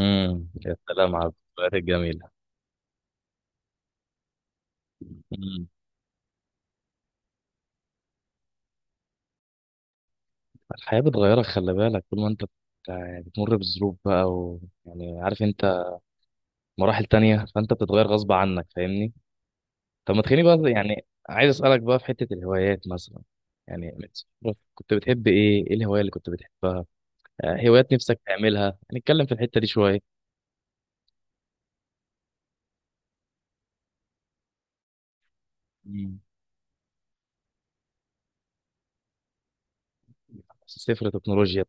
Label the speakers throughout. Speaker 1: يا سلام على الذكريات الجميلة. امم. الحياة بتغيرك، خلي بالك. طول ما انت يعني بتمر بظروف بقى يعني عارف انت، مراحل تانية، فانت بتتغير غصب عنك، فاهمني؟ طب ما تخليني بقى، يعني عايز اسألك بقى في حتة الهوايات مثلا. يعني من صغرك كنت بتحب ايه، الهواية اللي كنت بتحبها؟ هوايات نفسك تعملها، هنتكلم في الحتة دي شوية. امم صفر تكنولوجيا.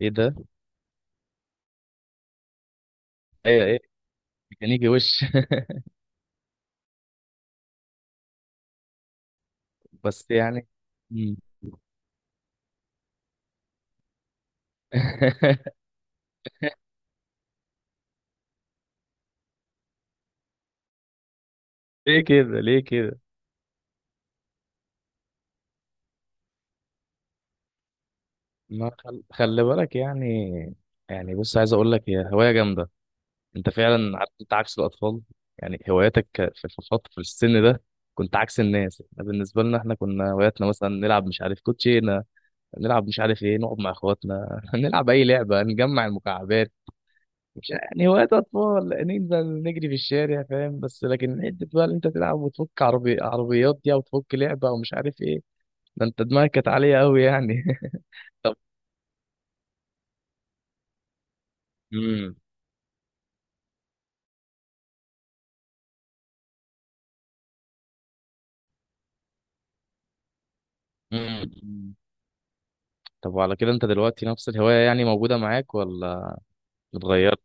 Speaker 1: ايه ده؟ ايه ميكانيكي وش؟ بس يعني. امم. ليه كده ليه كده؟ ما خل... خلي بالك يعني. يعني بص، عايز اقول لك هي هوايه جامده. انت فعلا عارف، انت عكس الاطفال. يعني هواياتك، في فتره، في السن ده، كنت عكس الناس. احنا بالنسبه لنا احنا كنا هواياتنا مثلا نلعب، مش عارف، كوتشينه، نلعب مش عارف ايه، نقعد مع اخواتنا، نلعب اي لعبه، نجمع المكعبات. مش يعني هوايات اطفال ننزل نجري في الشارع، فاهم؟ بس لكن حته بقى اللي انت تلعب وتفك عربيات دي، او تفك لعبه ومش عارف ايه. ده انت دماغك كانت عاليه قوي يعني. طب. امم. طب وعلى كده انت دلوقتي نفس الهواية يعني موجودة معاك ولا اتغيرت؟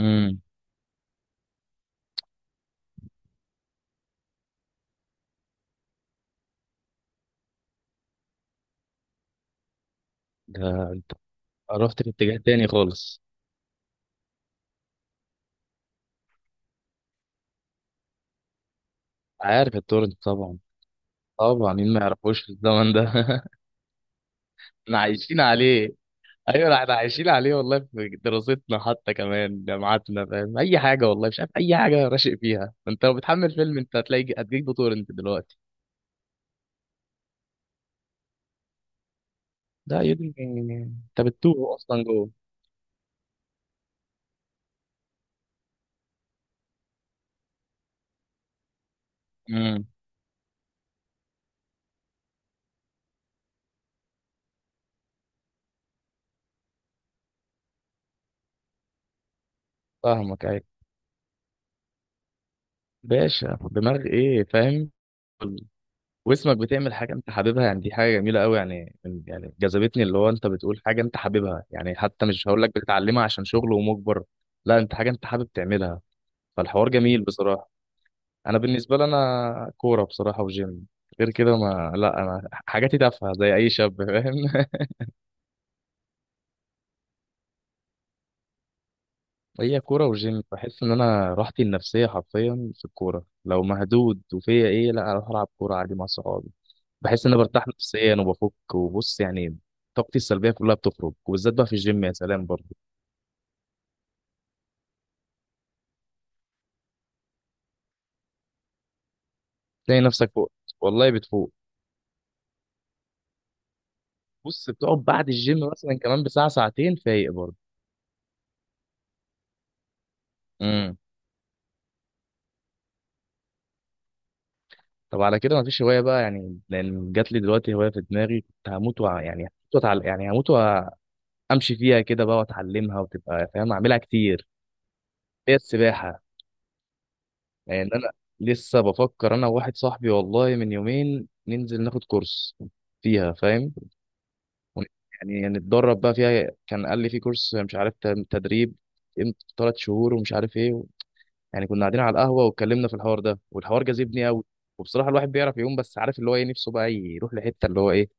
Speaker 1: امم ده، رحت في اتجاه تاني خالص. عارف التورنت طبعا. طبعا، مين ما يعرفوش في الزمن ده؟ احنا عايشين عليه. ايوه احنا عايشين عليه والله، في دراستنا حتى كمان جامعاتنا، فاهم؟ اي حاجة والله، مش عارف اي حاجة راشق فيها، انت لو بتحمل فيلم انت هتلاقي هتجيب تورنت دلوقتي. ده يا ابني انت بتتوه اصلا جوه. امم. فاهمك، ايوه. باشا، دماغ ايه فاهم؟ واسمك بتعمل حاجه انت حاببها يعني، دي حاجه جميله قوي، يعني يعني جذبتني. اللي هو انت بتقول حاجه انت حاببها، يعني حتى مش هقول لك بتتعلمها عشان شغل ومجبر. لا، انت حاجه انت حابب تعملها. فالحوار جميل بصراحه. انا بالنسبه لي، انا كوره بصراحه وجيم. غير كده، ما لا انا حاجاتي تافهه زي اي شاب فاهم. هي كوره وجيم، بحس ان انا راحتي النفسيه حرفيا في الكوره. لو مهدود وفيا ايه، لا اروح العب كوره عادي مع صحابي. بحس ان انا برتاح نفسيا وبفك، وبص يعني، طاقتي السلبيه كلها بتخرج، وبالذات بقى في الجيم يا سلام برضه. تلاقي نفسك فوق. والله بتفوق. بص، بتقعد بعد الجيم مثلا كمان بساعه ساعتين فايق برضه. امم. طب على كده مفيش هوايه بقى يعني؟ لان جات لي دلوقتي هوايه في دماغي، كنت هموت يعني هموت يعني هموت وامشي فيها كده بقى، واتعلمها وتبقى فاهم اعملها كتير. هي السباحه. يعني انا لسه بفكر انا وواحد صاحبي، والله من يومين ننزل ناخد كورس فيها، فاهم؟ ون- يعني نتدرب بقى فيها، كان قال لي في كورس مش عارف تدريب، قيمته 3 شهور ومش عارف ايه يعني كنا قاعدين على القهوه واتكلمنا في الحوار ده، والحوار جذبني قوي. وبصراحه الواحد بيعرف يقوم، بس عارف اللي هو ايه، نفسه بقى يروح لحته اللي هو ايه.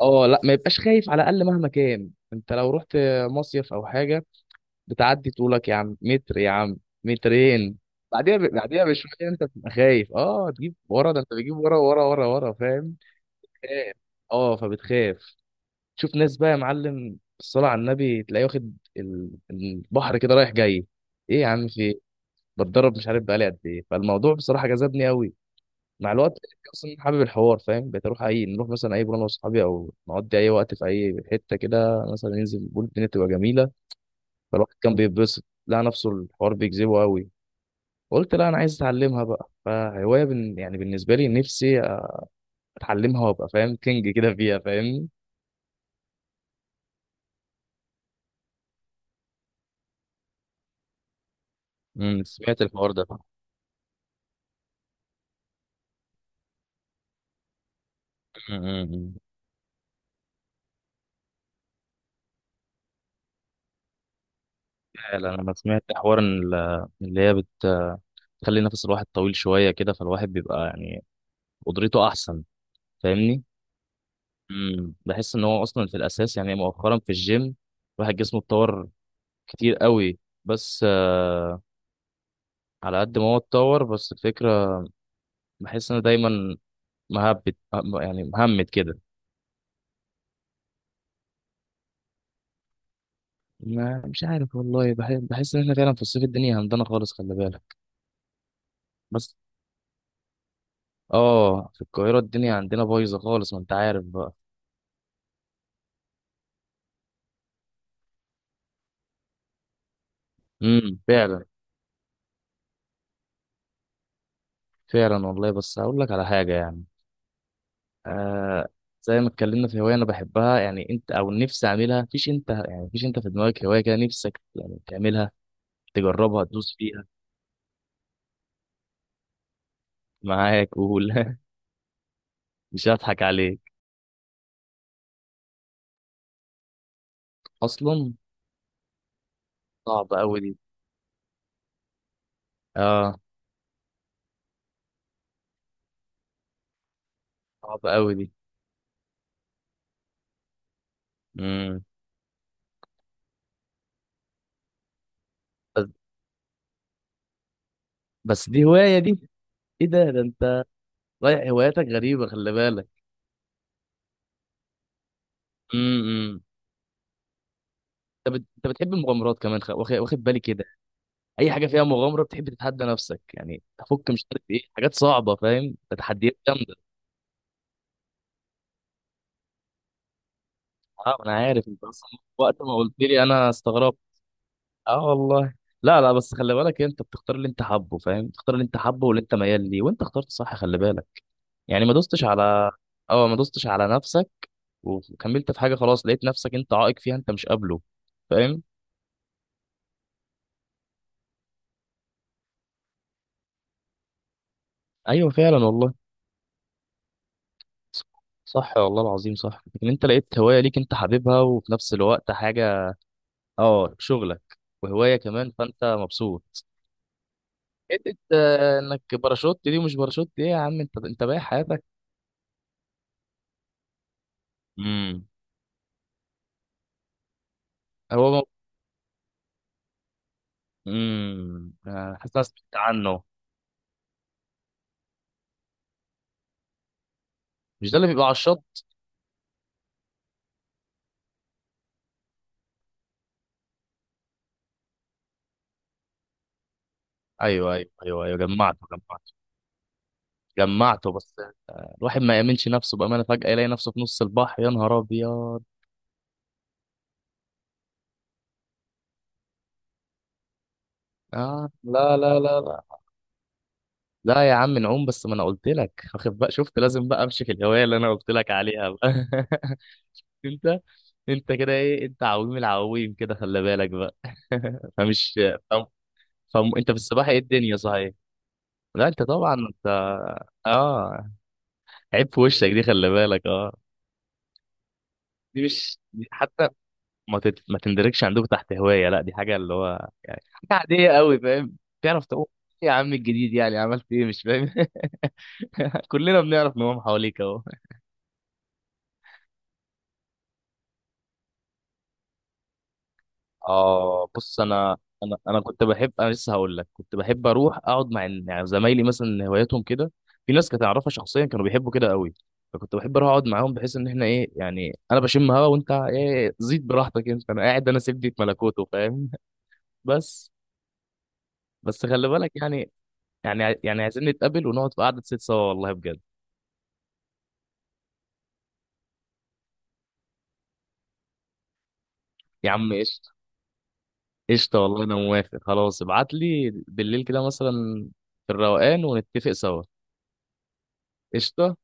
Speaker 1: اه لا، ما يبقاش خايف، على الاقل مهما كان انت لو رحت مصيف او حاجه، بتعدي طولك يا عم، متر يا عم، مترين. بعديها بشويه انت بتبقى خايف، اه تجيب ورا، ده انت بتجيب ورا ورا ورا ورا، فاهم؟ خايف. اه فبتخاف. تشوف ناس بقى يا معلم، الصلاة على النبي، تلاقيه واخد البحر كده رايح جاي. ايه يا عم في ايه؟ بتدرب مش عارف بقالي قد ايه، فالموضوع بصراحة جذبني قوي مع الوقت. اصلا حابب الحوار، فاهم؟ بقيت اروح اي، نروح مثلا اي بول انا واصحابي او نقضي اي وقت في اي حتة كده، مثلا ننزل بول الدنيا تبقى جميلة. فالواحد كان بيتبسط، لقى نفسه الحوار بيجذبه قوي. قلت لا انا عايز اتعلمها بقى، فهواية يعني بالنسبة لي، نفسي اتعلمها وابقى فاهم كينج كده فيها، فاهم؟ سمعت الحوار ده. مم. فعلا انا سمعت حوار ان اللي هي بتخلي نفس الواحد طويل شويه كده، فالواحد بيبقى يعني قدرته احسن، فاهمني؟ بحس ان هو اصلا في الاساس، يعني مؤخرا في الجيم الواحد جسمه اتطور كتير قوي. بس على قد ما هو اتطور بس الفكره، بحس ان أنا دايما يعني مهمت كده. ما مش عارف والله، بحس ان احنا فعلا في الصيف الدنيا همدانه خالص، خلي بالك بس. اه في القاهره الدنيا عندنا بايظه خالص، ما انت عارف بقى. فعلا. فعلا والله، بس هقول لك على حاجة يعني. آه زي ما اتكلمنا في هواية أنا بحبها، يعني أنت أو نفسي أعملها، مفيش أنت يعني، مفيش أنت في دماغك هواية كده نفسك يعني تعملها، تجربها تدوس فيها؟ معاك، قول. مش هضحك عليك. أصلا. صعبة أوي دي. آه. صعبة أوي دي. مم. بس. بس دي هواية دي. إيه ده، أنت رايح، هواياتك غريبة، خلي بالك. امم أنت بتحب المغامرات كمان، واخد بالي كده. اي حاجه فيها مغامره بتحب تتحدى نفسك، يعني تفك مش عارف ايه حاجات صعبه، فاهم؟ ده تحديات جامده. اه انا عارف انت اصلا، وقت ما قلت لي انا استغربت. اه والله. لا لا، بس خلي بالك انت بتختار اللي انت حابه، فاهم؟ تختار اللي انت حابه واللي انت ميال ليه، وانت اخترت صح خلي بالك. يعني ما دوستش على. اه ما دوستش على نفسك، وكملت في حاجه خلاص، لقيت نفسك انت عائق فيها، انت مش قابله، فاهم؟ ايوه فعلا والله. صح والله العظيم صح، لكن انت لقيت هوايه ليك انت حاببها وفي نفس الوقت حاجه. اه، شغلك وهوايه كمان، فانت مبسوط. حته انك باراشوت دي ومش باراشوت دي يا عم، انت بايع حياتك. امم. هو م- امم. حاسس إن أنا سمعت عنه. مش ده اللي بيبقى على الشط؟ ايوه ايوه ايوه ايوه، جمعته جمعته. جمعته بس. الواحد ما يامنش نفسه بامانه، فجاه يلاقي نفسه في نص البحر، يا نهار ابيض. اه لا لا لا لا. لا يا عم نعوم، بس ما انا قلت لك، واخد بقى شفت؟ لازم بقى امشي في الهوايه اللي انا قلت لك عليها بقى. انت. انت كده ايه، انت عويم العويم كده خلي بالك بقى. فمش، فم... انت في السباحه ايه الدنيا صحيح. لا انت طبعا انت. اه، عيب في وشك دي، خلي بالك اه. دي مش دي حتى، ما تندركش عندك تحت هوايه، لا دي حاجه اللي هو يعني حاجه عاديه قوي، فاهم؟ تعرف تقول ايه يا عم الجديد، يعني عملت ايه مش فاهم؟ كلنا بنعرف نقوم حواليك اهو. اه بص انا، انا كنت بحب، انا لسه هقول لك، كنت بحب اروح اقعد مع يعني زمايلي مثلا هواياتهم كده. في ناس كنت اعرفها شخصيا كانوا بيحبوا كده قوي، فكنت بحب اروح اقعد معاهم، بحيث ان احنا ايه يعني، انا بشم هوا وانت ايه زيد براحتك، انت انا قاعد انا سيبني في ملكوته، فاهم؟ بس. بس خلي بالك يعني، يعني يعني عايزين نتقابل ونقعد في قعده ست سوا، والله بجد. يا عم قشطه. قشطه والله، انا موافق خلاص، ابعت لي بالليل كده مثلا في الروقان ونتفق سوا. قشطه.